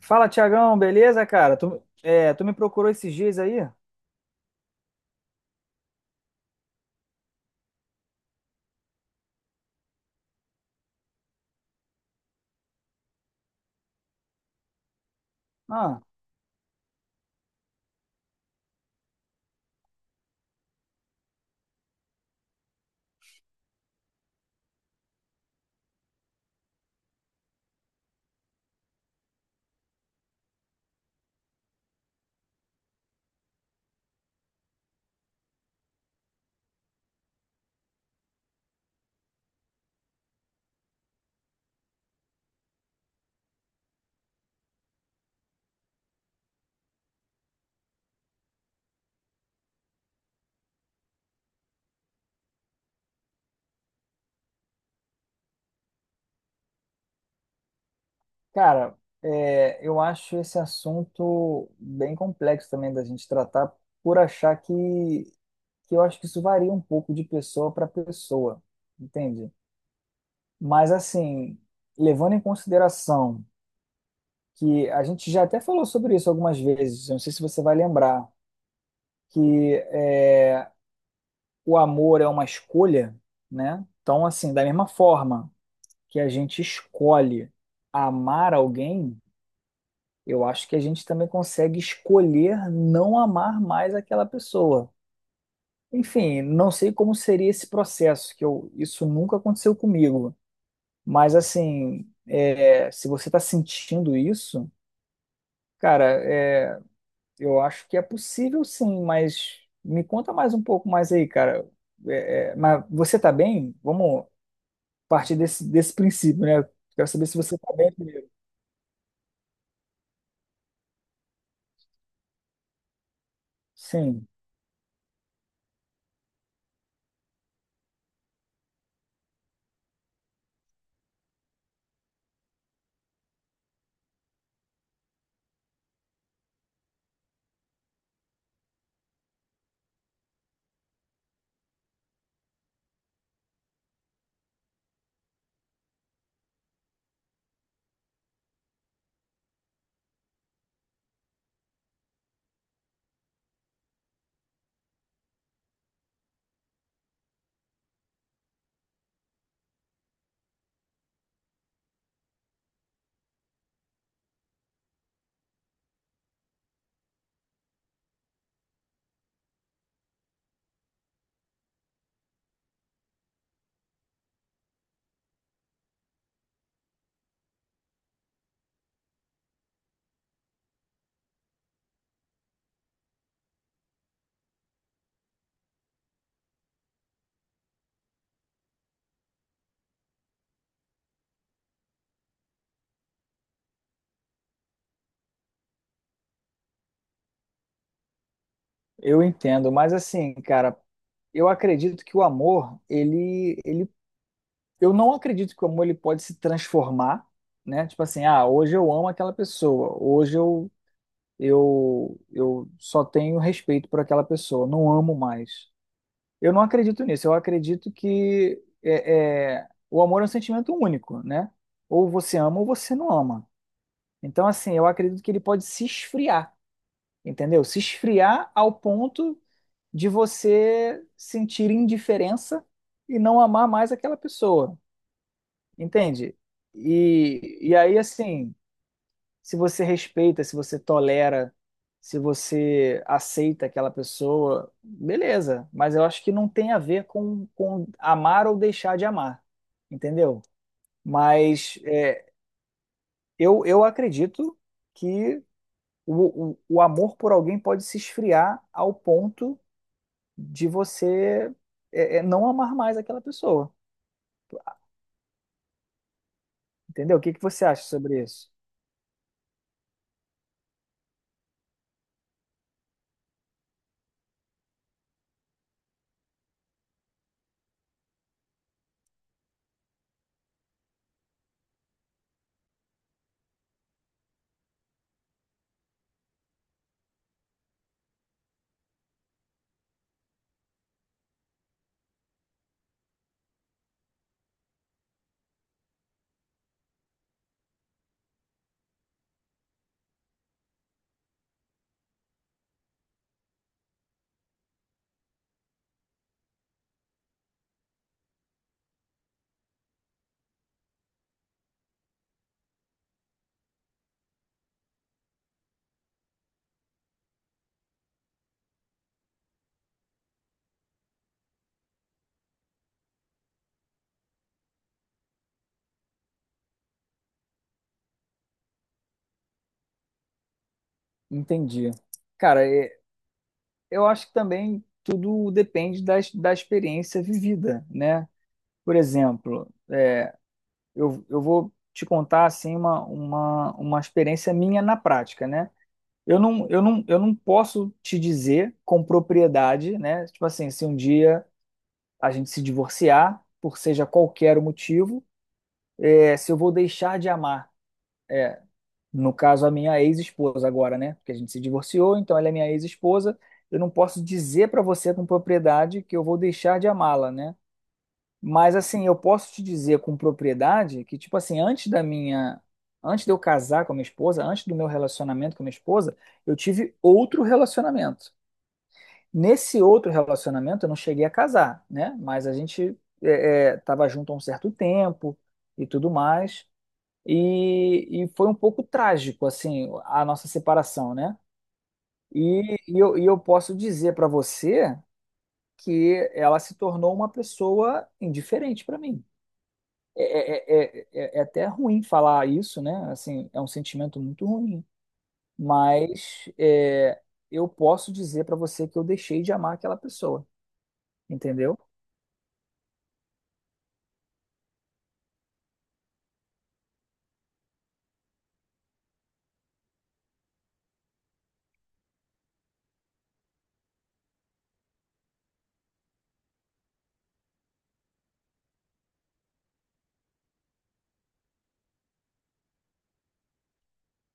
Fala, Tiagão, beleza, cara? Tu, tu me procurou esses dias aí? Ah, cara, eu acho esse assunto bem complexo também da gente tratar, por achar que eu acho que isso varia um pouco de pessoa para pessoa, entende? Mas, assim, levando em consideração que a gente já até falou sobre isso algumas vezes, eu não sei se você vai lembrar, que é, o amor é uma escolha, né? Então, assim, da mesma forma que a gente escolhe amar alguém, eu acho que a gente também consegue escolher não amar mais aquela pessoa. Enfim, não sei como seria esse processo, isso nunca aconteceu comigo. Mas assim, se você está sentindo isso, cara, é, eu acho que é possível sim, mas me conta mais um pouco mais aí, cara. Mas você tá bem? Vamos partir desse princípio, né? Quero saber se você tá bem primeiro. Sim. Eu entendo, mas assim, cara, eu acredito que o amor, eu não acredito que o amor ele pode se transformar, né? Tipo assim, ah, hoje eu amo aquela pessoa, hoje eu só tenho respeito por aquela pessoa, não amo mais. Eu não acredito nisso. Eu acredito que o amor é um sentimento único, né? Ou você ama ou você não ama. Então, assim, eu acredito que ele pode se esfriar, entendeu? Se esfriar ao ponto de você sentir indiferença e não amar mais aquela pessoa, entende? E aí, assim, se você respeita, se você tolera, se você aceita aquela pessoa, beleza, mas eu acho que não tem a ver com amar ou deixar de amar, entendeu? Mas eu acredito que o amor por alguém pode se esfriar ao ponto de você não amar mais aquela pessoa. Entendeu? O que que você acha sobre isso? Entendi. Cara, eu acho que também tudo depende da da experiência vivida, né? Por exemplo, eu vou te contar assim uma experiência minha na prática, né? Eu não posso te dizer com propriedade, né? Tipo assim, se um dia a gente se divorciar, por seja qualquer o motivo, se eu vou deixar de amar. No caso, a minha ex-esposa agora, né? Porque a gente se divorciou, então ela é minha ex-esposa. Eu não posso dizer para você com propriedade que eu vou deixar de amá-la, né? Mas assim, eu posso te dizer com propriedade que, tipo assim, antes de eu casar com a minha esposa, antes do meu relacionamento com a minha esposa, eu tive outro relacionamento. Nesse outro relacionamento, eu não cheguei a casar, né? Mas a gente estava junto há um certo tempo e tudo mais. E foi um pouco trágico, assim, a nossa separação, né? E eu posso dizer para você que ela se tornou uma pessoa indiferente para mim. É, é, é, é- até ruim falar isso, né? Assim, é um sentimento muito ruim. Mas é, eu posso dizer para você que eu deixei de amar aquela pessoa, entendeu?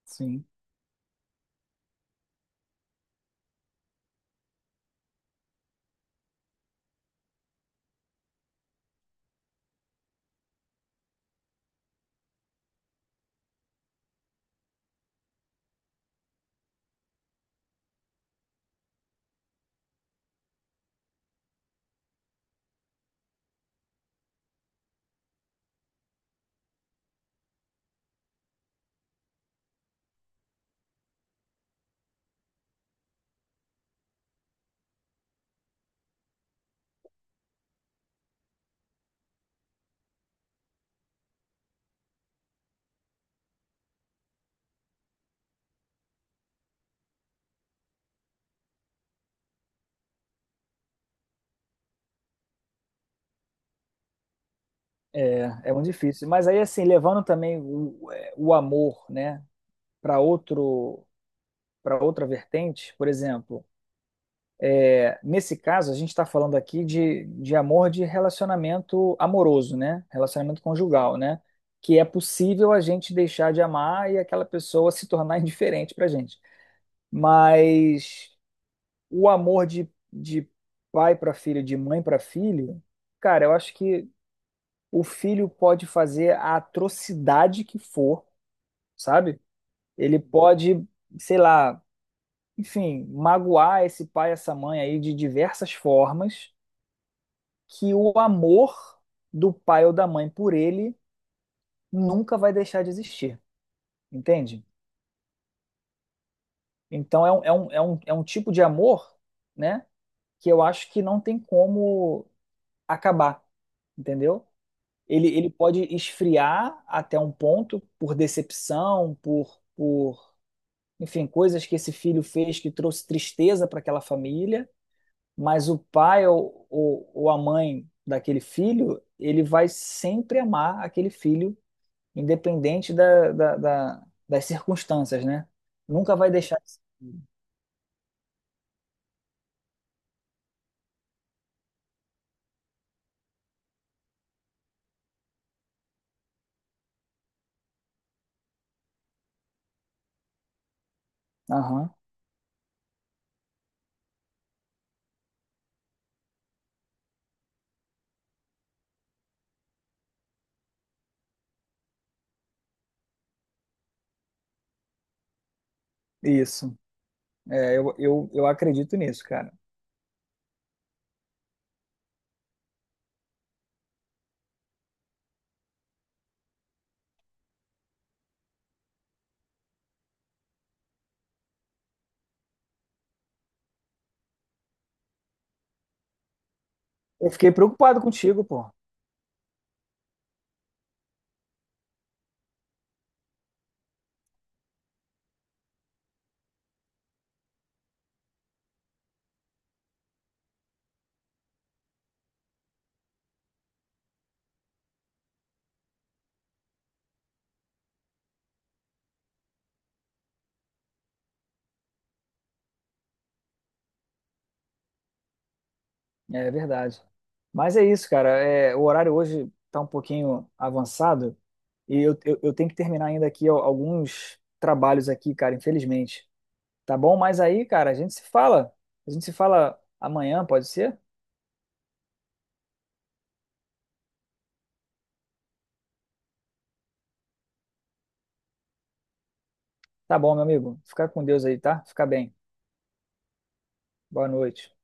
Sim. É muito difícil. Mas aí, assim, levando também o amor, né, para outro, para outra vertente, por exemplo. Nesse caso, a gente está falando aqui de amor de relacionamento amoroso, né? Relacionamento conjugal, né? Que é possível a gente deixar de amar e aquela pessoa se tornar indiferente para a gente. Mas o amor de pai para filho, de mãe para filho, cara, eu acho que o filho pode fazer a atrocidade que for, sabe? Ele pode, sei lá, enfim, magoar esse pai, essa mãe aí de diversas formas que o amor do pai ou da mãe por ele nunca vai deixar de existir, entende? Então é um tipo de amor, né, que eu acho que não tem como acabar, entendeu? Ele pode esfriar até um ponto por decepção, enfim, coisas que esse filho fez que trouxe tristeza para aquela família, mas o pai ou a mãe daquele filho, ele vai sempre amar aquele filho independente das circunstâncias, né? Nunca vai deixar. Aham, isso. É, eu acredito nisso, cara. Eu fiquei preocupado contigo, pô. É verdade. Mas é isso, cara. É, o horário hoje tá um pouquinho avançado e eu tenho que terminar ainda aqui alguns trabalhos aqui, cara, infelizmente. Tá bom? Mas aí, cara, a gente se fala. A gente se fala amanhã, pode ser? Tá bom, meu amigo. Fica com Deus aí, tá? Fica bem. Boa noite.